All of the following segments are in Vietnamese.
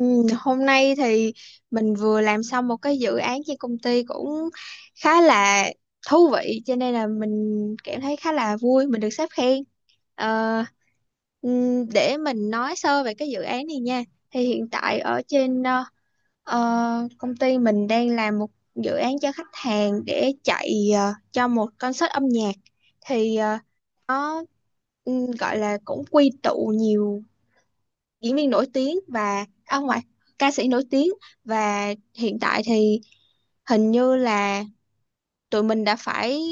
Ừ, hôm nay thì mình vừa làm xong một cái dự án trên công ty cũng khá là thú vị cho nên là mình cảm thấy khá là vui. Mình được sếp khen. Ờ, để mình nói sơ về cái dự án này nha. Thì hiện tại ở trên công ty mình đang làm một dự án cho khách hàng để chạy cho một concert âm nhạc. Thì nó gọi là cũng quy tụ nhiều diễn viên nổi tiếng và ông ngoại ca sĩ nổi tiếng. Và hiện tại thì hình như là tụi mình đã phải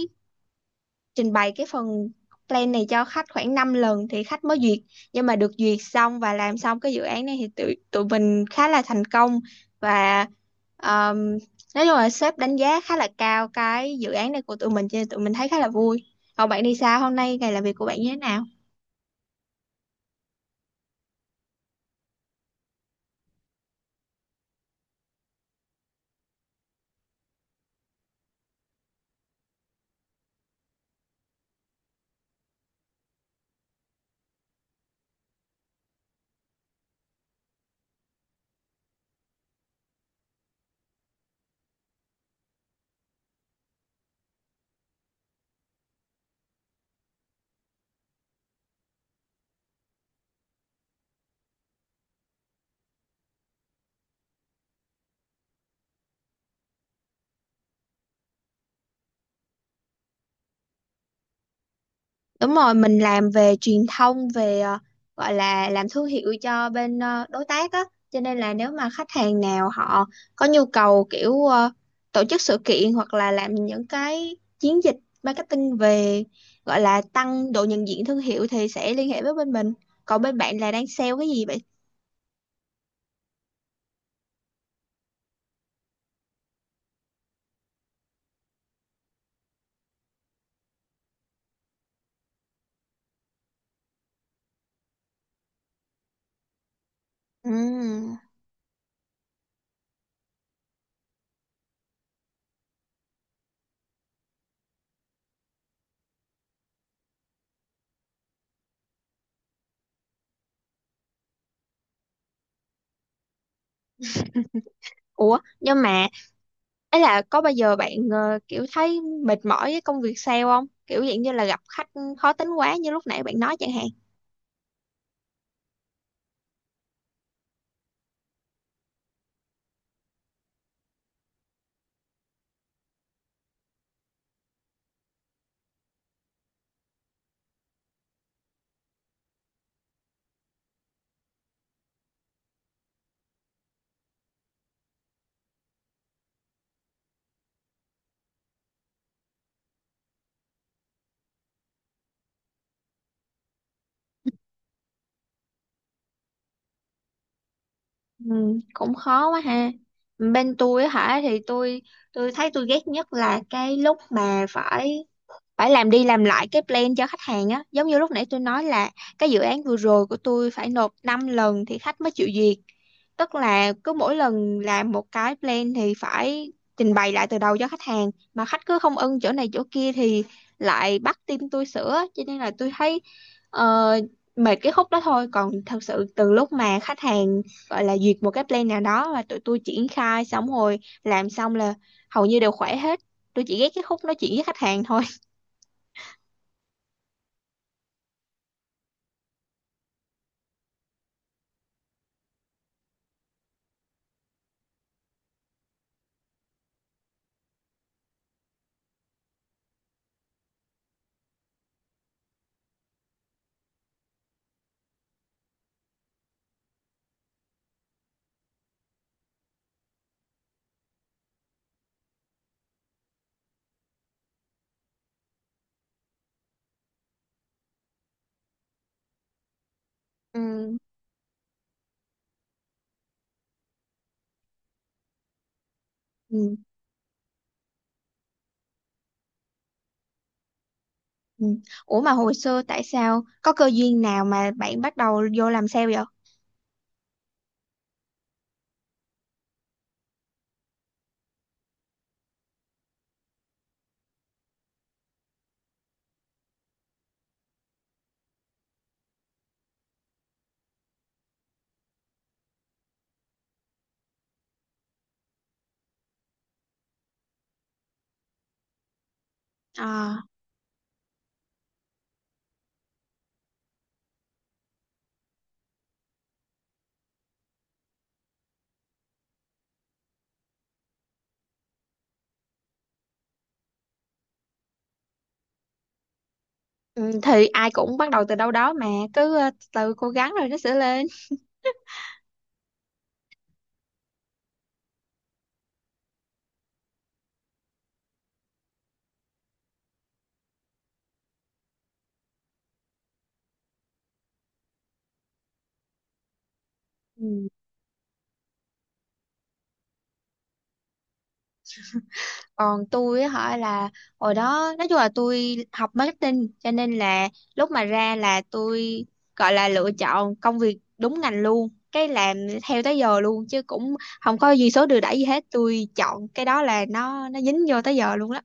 trình bày cái phần plan này cho khách khoảng 5 lần thì khách mới duyệt. Nhưng mà được duyệt xong và làm xong cái dự án này thì tụi tụi mình khá là thành công. Và um, nói chung là sếp đánh giá khá là cao cái dự án này của tụi mình cho nên tụi mình thấy khá là vui. Còn bạn đi sao hôm nay, ngày làm việc của bạn như thế nào? Đúng rồi, mình làm về truyền thông, về gọi là làm thương hiệu cho bên đối tác á, cho nên là nếu mà khách hàng nào họ có nhu cầu kiểu tổ chức sự kiện hoặc là làm những cái chiến dịch marketing về gọi là tăng độ nhận diện thương hiệu thì sẽ liên hệ với bên mình. Còn bên bạn là đang sale cái gì vậy? Ừm. Ủa, nhưng mà ấy là có bao giờ bạn kiểu thấy mệt mỏi với công việc sale không? Kiểu dạng như là gặp khách khó tính quá như lúc nãy bạn nói chẳng hạn. Ừ, cũng khó quá ha. Bên tôi á hả thì tôi thấy tôi ghét nhất là cái lúc mà phải phải làm đi làm lại cái plan cho khách hàng á, giống như lúc nãy tôi nói là cái dự án vừa rồi của tôi phải nộp 5 lần thì khách mới chịu duyệt. Tức là cứ mỗi lần làm một cái plan thì phải trình bày lại từ đầu cho khách hàng mà khách cứ không ưng chỗ này chỗ kia thì lại bắt team tôi sửa, cho nên là tôi thấy ờ, mệt cái khúc đó thôi. Còn thật sự từ lúc mà khách hàng gọi là duyệt một cái plan nào đó và tụi tôi triển khai xong rồi, làm xong là hầu như đều khỏe hết. Tôi chỉ ghét cái khúc nói chuyện với khách hàng thôi. Ừ, ừ, ừ. Ủa mà hồi xưa tại sao có cơ duyên nào mà bạn bắt đầu vô làm sale vậy? À, ừ, thì ai cũng bắt đầu từ đâu đó mà, cứ từ cố gắng rồi nó sẽ lên. Ừ. Còn tôi á hỏi là hồi đó, nói chung là tôi học marketing cho nên là lúc mà ra là tôi gọi là lựa chọn công việc đúng ngành luôn. Cái làm theo tới giờ luôn chứ cũng không có gì số đưa đẩy gì hết, tôi chọn cái đó là nó dính vô tới giờ luôn đó.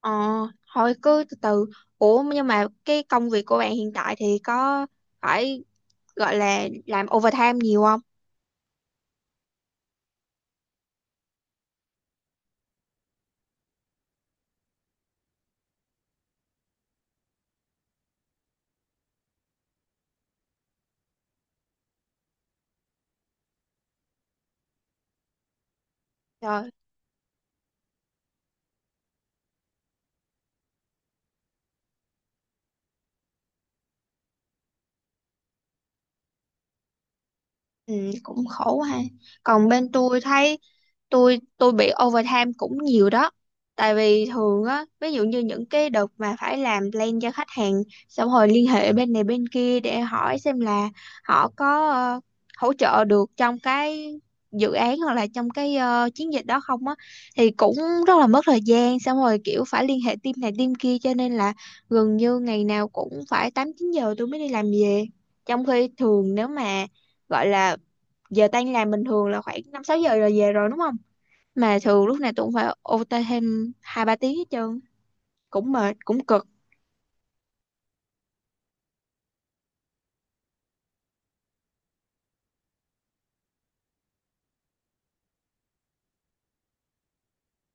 Ờ, Thôi cứ từ từ. Ủa nhưng mà cái công việc của bạn hiện tại thì có phải gọi là làm overtime nhiều không? Trời. Ừ, cũng khổ quá ha. Còn bên tôi thấy tôi bị overtime cũng nhiều đó. Tại vì thường á, ví dụ như những cái đợt mà phải làm plan cho khách hàng xong rồi liên hệ bên này bên kia để hỏi xem là họ có hỗ trợ được trong cái dự án hoặc là trong cái chiến dịch đó không á, thì cũng rất là mất thời gian. Xong rồi kiểu phải liên hệ team này team kia cho nên là gần như ngày nào cũng phải 8, 9 giờ tôi mới đi làm về. Trong khi thường, nếu mà gọi là giờ tan làm bình thường là khoảng 5, 6 giờ rồi về rồi đúng không? Mà thường lúc này tôi cũng phải OT thêm 2, 3 tiếng hết trơn, cũng mệt, cũng cực.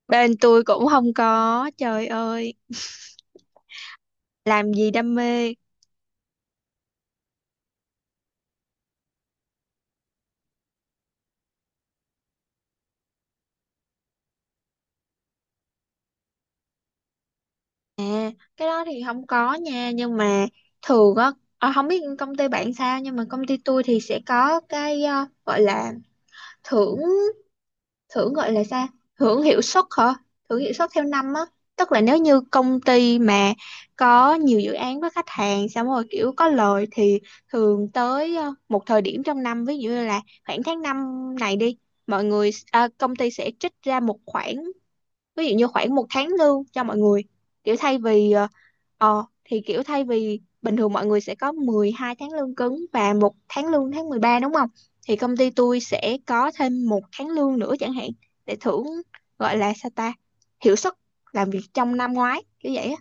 Bên tôi cũng không có, trời ơi, làm gì đam mê. à, Cái đó thì không có nha, nhưng mà thường á, không biết công ty bạn sao nhưng mà công ty tôi thì sẽ có cái gọi là thưởng, gọi là sao, hưởng hiệu suất hả, hưởng hiệu suất theo năm á. Tức là nếu như công ty mà có nhiều dự án với khách hàng xong rồi kiểu có lời thì thường tới một thời điểm trong năm, ví dụ như là khoảng tháng 5 này đi, mọi người, công ty sẽ trích ra một khoản, ví dụ như khoảng một tháng lương cho mọi người, kiểu thay vì thì kiểu thay vì bình thường mọi người sẽ có 12 tháng lương cứng và một tháng lương, tháng 13 đúng không? Thì công ty tôi sẽ có thêm một tháng lương nữa chẳng hạn, để thưởng, gọi là sao ta, hiệu suất làm việc trong năm ngoái kiểu vậy á.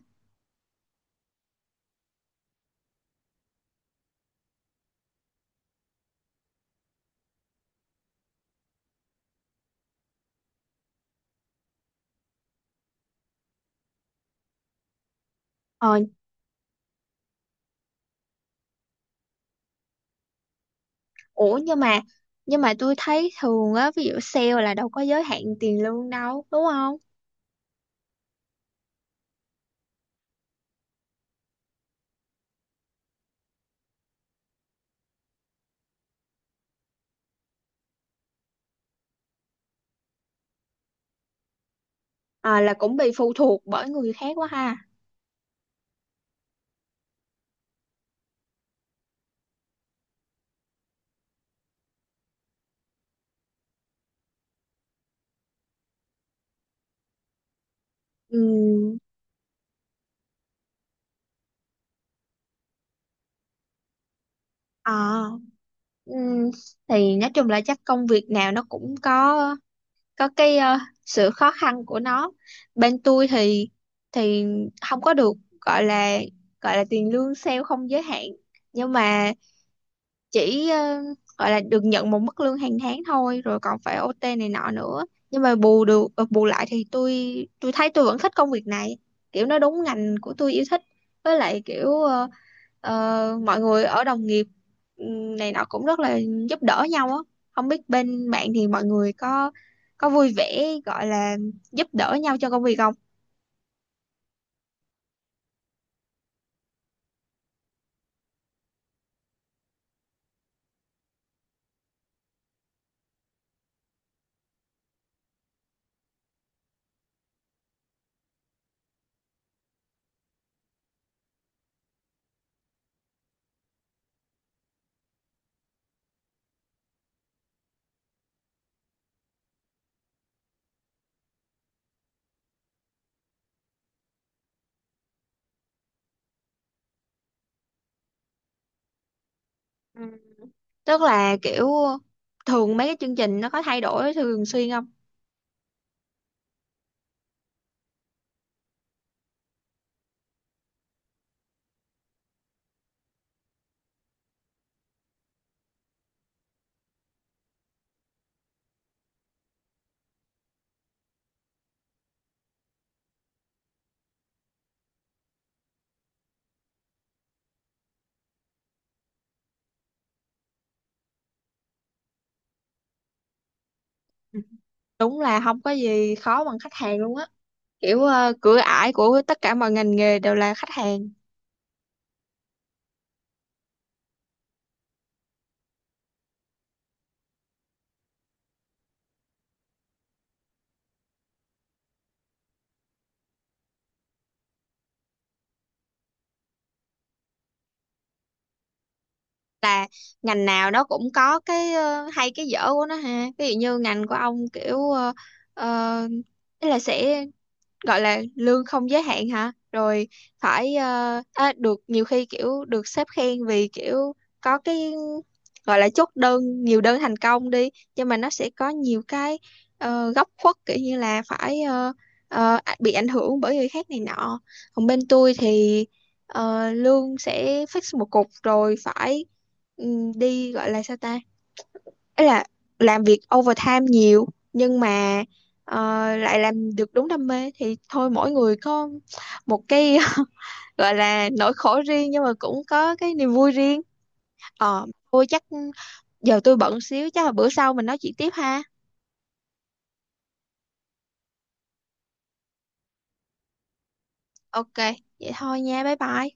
ờ Ủa, nhưng mà tôi thấy thường á, ví dụ sale là đâu có giới hạn tiền lương đâu, đúng không? Là cũng bị phụ thuộc bởi người khác quá ha. Ừ. à Ừm, thì nói chung là chắc công việc nào nó cũng có cái sự khó khăn của nó. Bên tôi thì thì không có được gọi là tiền lương sale không giới hạn, nhưng mà chỉ gọi là được nhận một mức lương hàng tháng thôi, rồi còn phải OT này nọ nữa. Nhưng mà bù lại thì tôi thấy tôi vẫn thích công việc này, kiểu nó đúng ngành của tôi yêu thích, với lại kiểu mọi người ở đồng nghiệp này nọ cũng rất là giúp đỡ nhau á. Không biết bên bạn thì mọi người có vui vẻ gọi là giúp đỡ nhau cho công việc không? Ừ. Tức là kiểu thường mấy cái chương trình nó có thay đổi thường xuyên không? Đúng là không có gì khó bằng khách hàng luôn á, kiểu cửa ải của tất cả mọi ngành nghề đều là khách hàng. Là ngành nào nó cũng có cái hay cái dở của nó ha, ví dụ như ngành của ông kiểu là sẽ gọi là lương không giới hạn hả, rồi phải được nhiều khi kiểu được sếp khen vì kiểu có cái gọi là chốt đơn, nhiều đơn thành công đi. Nhưng mà nó sẽ có nhiều cái góc khuất, kiểu như là phải bị ảnh hưởng bởi người khác này nọ. Còn bên tôi thì lương sẽ fix một cục, rồi phải ừ, đi gọi là sao ta, ấy là làm việc overtime nhiều, nhưng mà ờ, lại làm được đúng đam mê thì thôi, mỗi người có một cái gọi là nỗi khổ riêng nhưng mà cũng có cái niềm vui riêng. Tôi chắc giờ tôi bận xíu, chắc là bữa sau mình nói chuyện tiếp ha. OK, vậy thôi nha, bye bye.